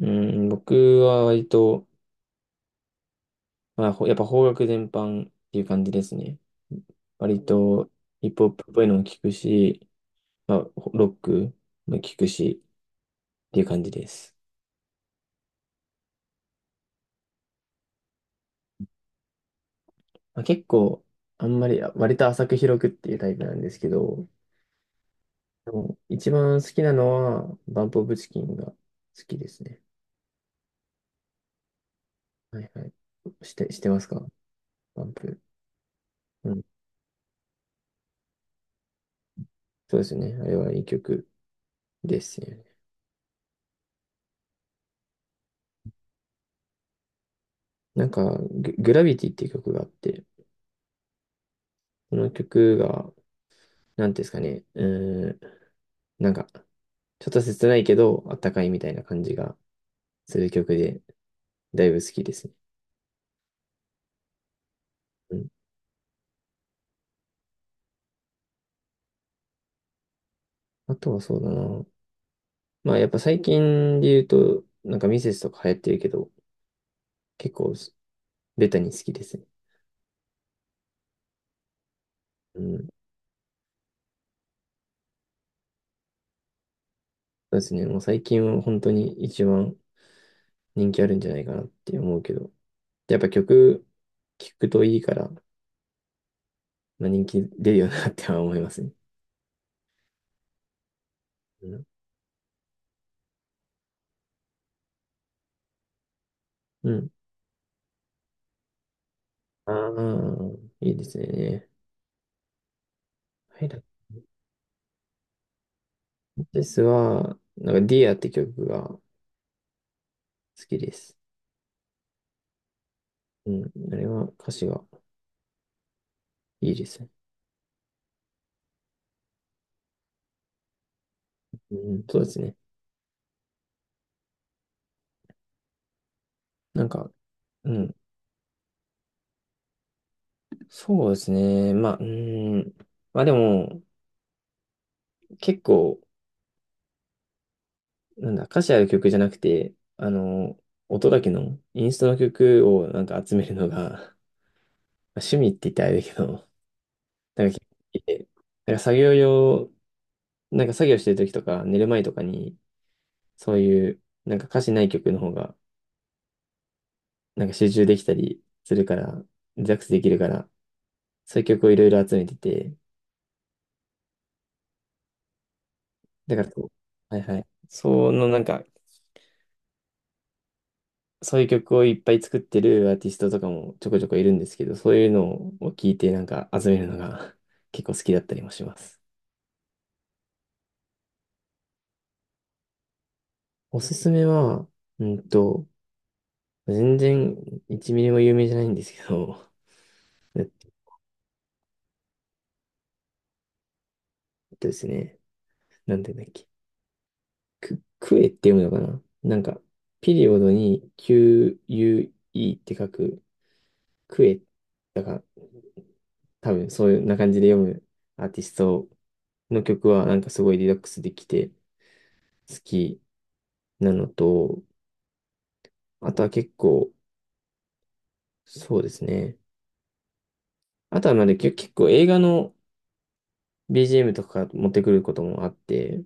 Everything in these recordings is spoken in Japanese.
うん、僕は割と、まあ、やっぱ邦楽全般っていう感じですね。割とヒップホップっぽいのも聞くし、まあ、ロックも聞くしっていう感じです。まあ、結構、あんまり、割と浅く広くっていうタイプなんですけど、でも一番好きなのは、バンプオブチキンが好きですね。はいはい。してますかバンプ？うん。そうですね。あれはいい曲ですよね。なんかグラビティっていう曲があって、その曲がなんていうんですかね、ーん、なんか、ちょっと切ないけど、あったかいみたいな感じがする曲で、だいぶ好きですね。うん。あとはそうだな。まあ、やっぱ最近で言うと、なんかミセスとか流行ってるけど、結構す、ベタに好きですね。うん。そうですね。もう最近は本当に一番人気あるんじゃないかなって思うけど、やっぱ曲、聴くといいから、まあ、人気出るよなっては思いますね。うん。うん。ああ、いいですね。はいだですは、なんか、ディアって曲が好きです。うん、あれは歌詞がいいですね。うん、そうですね。なんか、うん、そうですね。まあ、うん、まあでも、結構、なんだ、歌詞ある曲じゃなくて、あの、音だけの、インストの曲をなんか集めるのが、まあ趣味って言ったらあれだけど、なんか結構好きで、なんか作業用、なんか作業してる時とか、寝る前とかに、そういう、なんか歌詞ない曲の方が、なんか集中できたりするから、リラックスできるから、そういう曲をいろいろ集めてて、だからこう、はいはい。そのなんか、そういう曲をいっぱい作ってるアーティストとかもちょこちょこいるんですけど、そういうのを聞いてなんか集めるのが 結構好きだったりもします。おすすめは、うんと、全然1ミリも有名じゃないんですけど、えっとですね、なんて言うんだっけ、クエって読むのかななんか、ピリオドに QUE って書く、クエっだから、多分そういうな感じで読むアーティストの曲はなんかすごいリラックスできて好きなのと、あとは結構、そうですね。あとはまだ結構映画の BGM とか持ってくることもあって、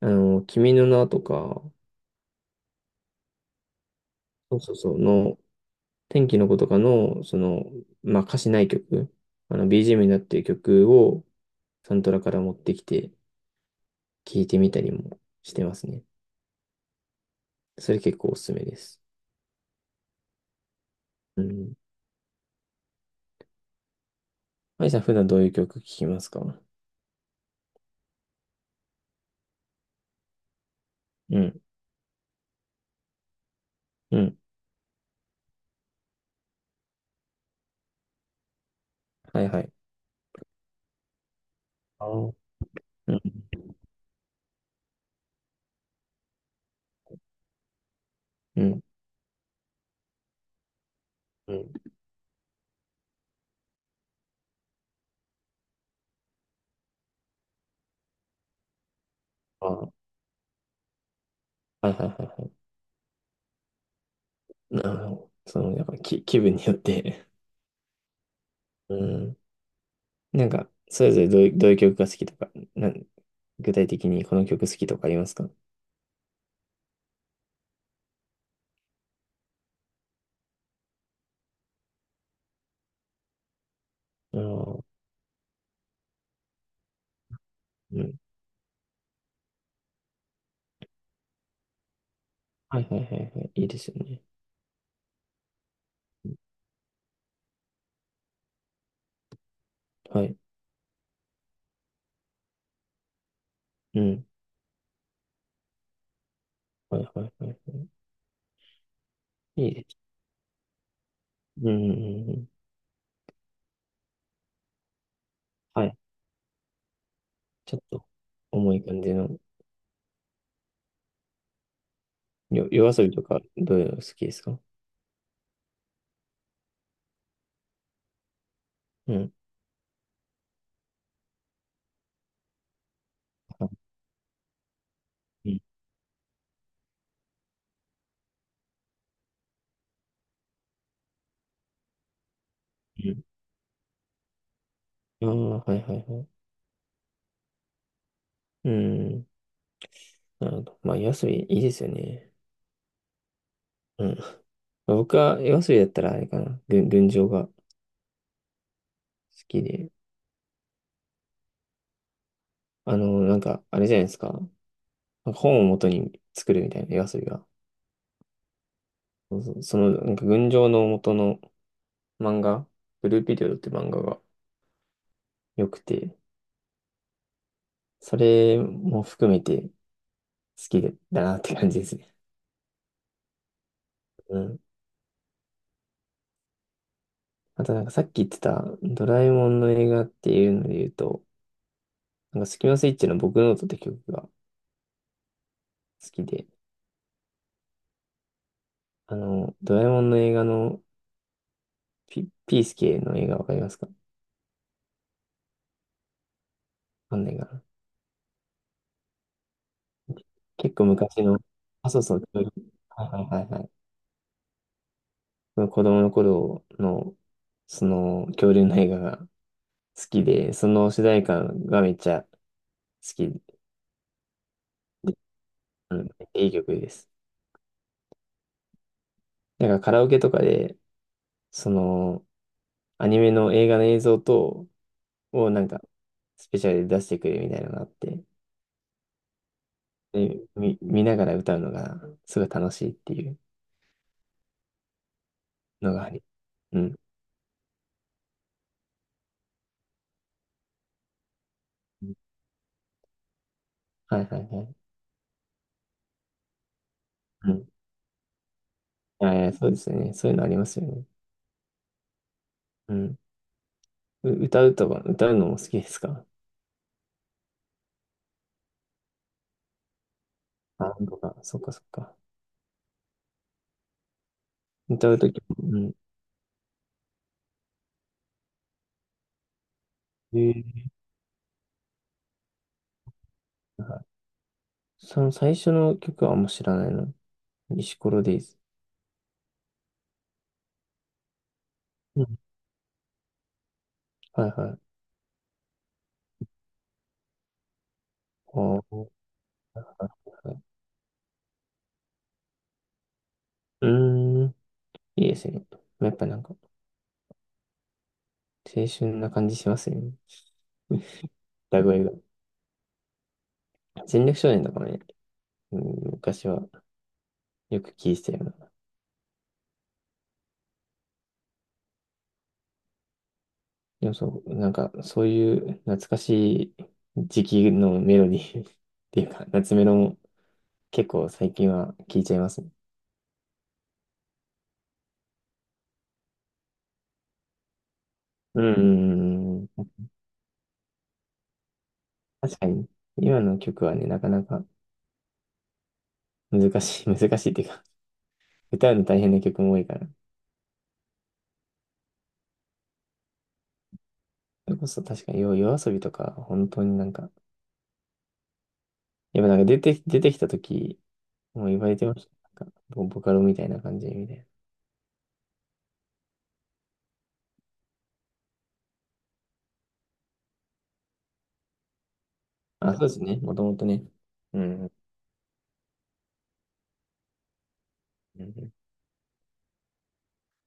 あの、君の名とか、そうそうそう、の、天気の子とかの、その、まあ歌詞ない曲、あの BGM になっている曲をサントラから持ってきて聴いてみたりもしてますね。それ結構おすすめです。うん。はいさん、普段どういう曲聴きますか？うん、うん、はいはい。あー、うん、うん、うん、あー、はいはいはいはい。なるほど。その、やっぱき、気分によって うん。なんか、それぞれどういう曲が好きとか、なん、具体的にこの曲好きとかありますか？ああー、うん。はいはいはいはい。いいですよね。はい。うん。はいはいはいはい。いいです。うん、うんうん。はい。ちょっと、重い感じの、夜遊びとか、どういうの好きですか？うん。はい。うん。ああ、はいはいはい。うん。なるほど。まあ、夜遊びいいですよね。うん。まあ僕は夜遊びだったらあれかな。群青が好きで。あの、なんか、あれじゃないですか。なんか本を元に作るみたいな夜遊びが。そうそうその、なんか群青の元の漫画、ブルーピリオドって漫画が良くて、それも含めて好きだなって感じですね。うん。あとなんかさっき言ってたドラえもんの映画っていうので言うと、なんかスキマスイッチの僕ノートって曲が好きで、あの、ドラえもんの映画のピースケの映画わかりますか？わかんないかな。結構昔の、あ、そうそう、恐竜。はいはいはいはい。その子供の頃の、その恐竜の映画が好きで、その主題歌がめっちゃ好きで、うん、いい曲です。なんかカラオケとかで、そのアニメの映画の映像と、をなんかスペシャルで出してくれるみたいなのがあって、で、見ながら歌うのがすごい楽しいっていうのがあり、うん。はいはいはい。うん。そうですよね。そういうのありますよね。うん。歌うとか、歌うのも好きですか？バンドが。そっかそっか。歌うときも、うん。えー、はい。その最初の曲はあんま知らないの。石ころデイズ。うん。はいはい。おー、はい、うーん。いいですね。やっぱなんか、青春な感じしますよね。歌声が。戦略少年とかもね、うん、昔はよく聴いてたような。でもそう、なんか、そういう懐かしい時期のメロディー っていうか、夏メロも結構最近は聴いちゃいますね。うん、うんうん。確かに、今の曲はね、なかなか難しい、難しいっていうか、歌うの大変な曲も多いから。それこそ確かに、夜遊びとか、本当になんか、やっぱなんか出てきた時、もう言われてました。なんか、ボボカロみたいな感じみたいな。あ、そうですね、もともとね。うん、うんうん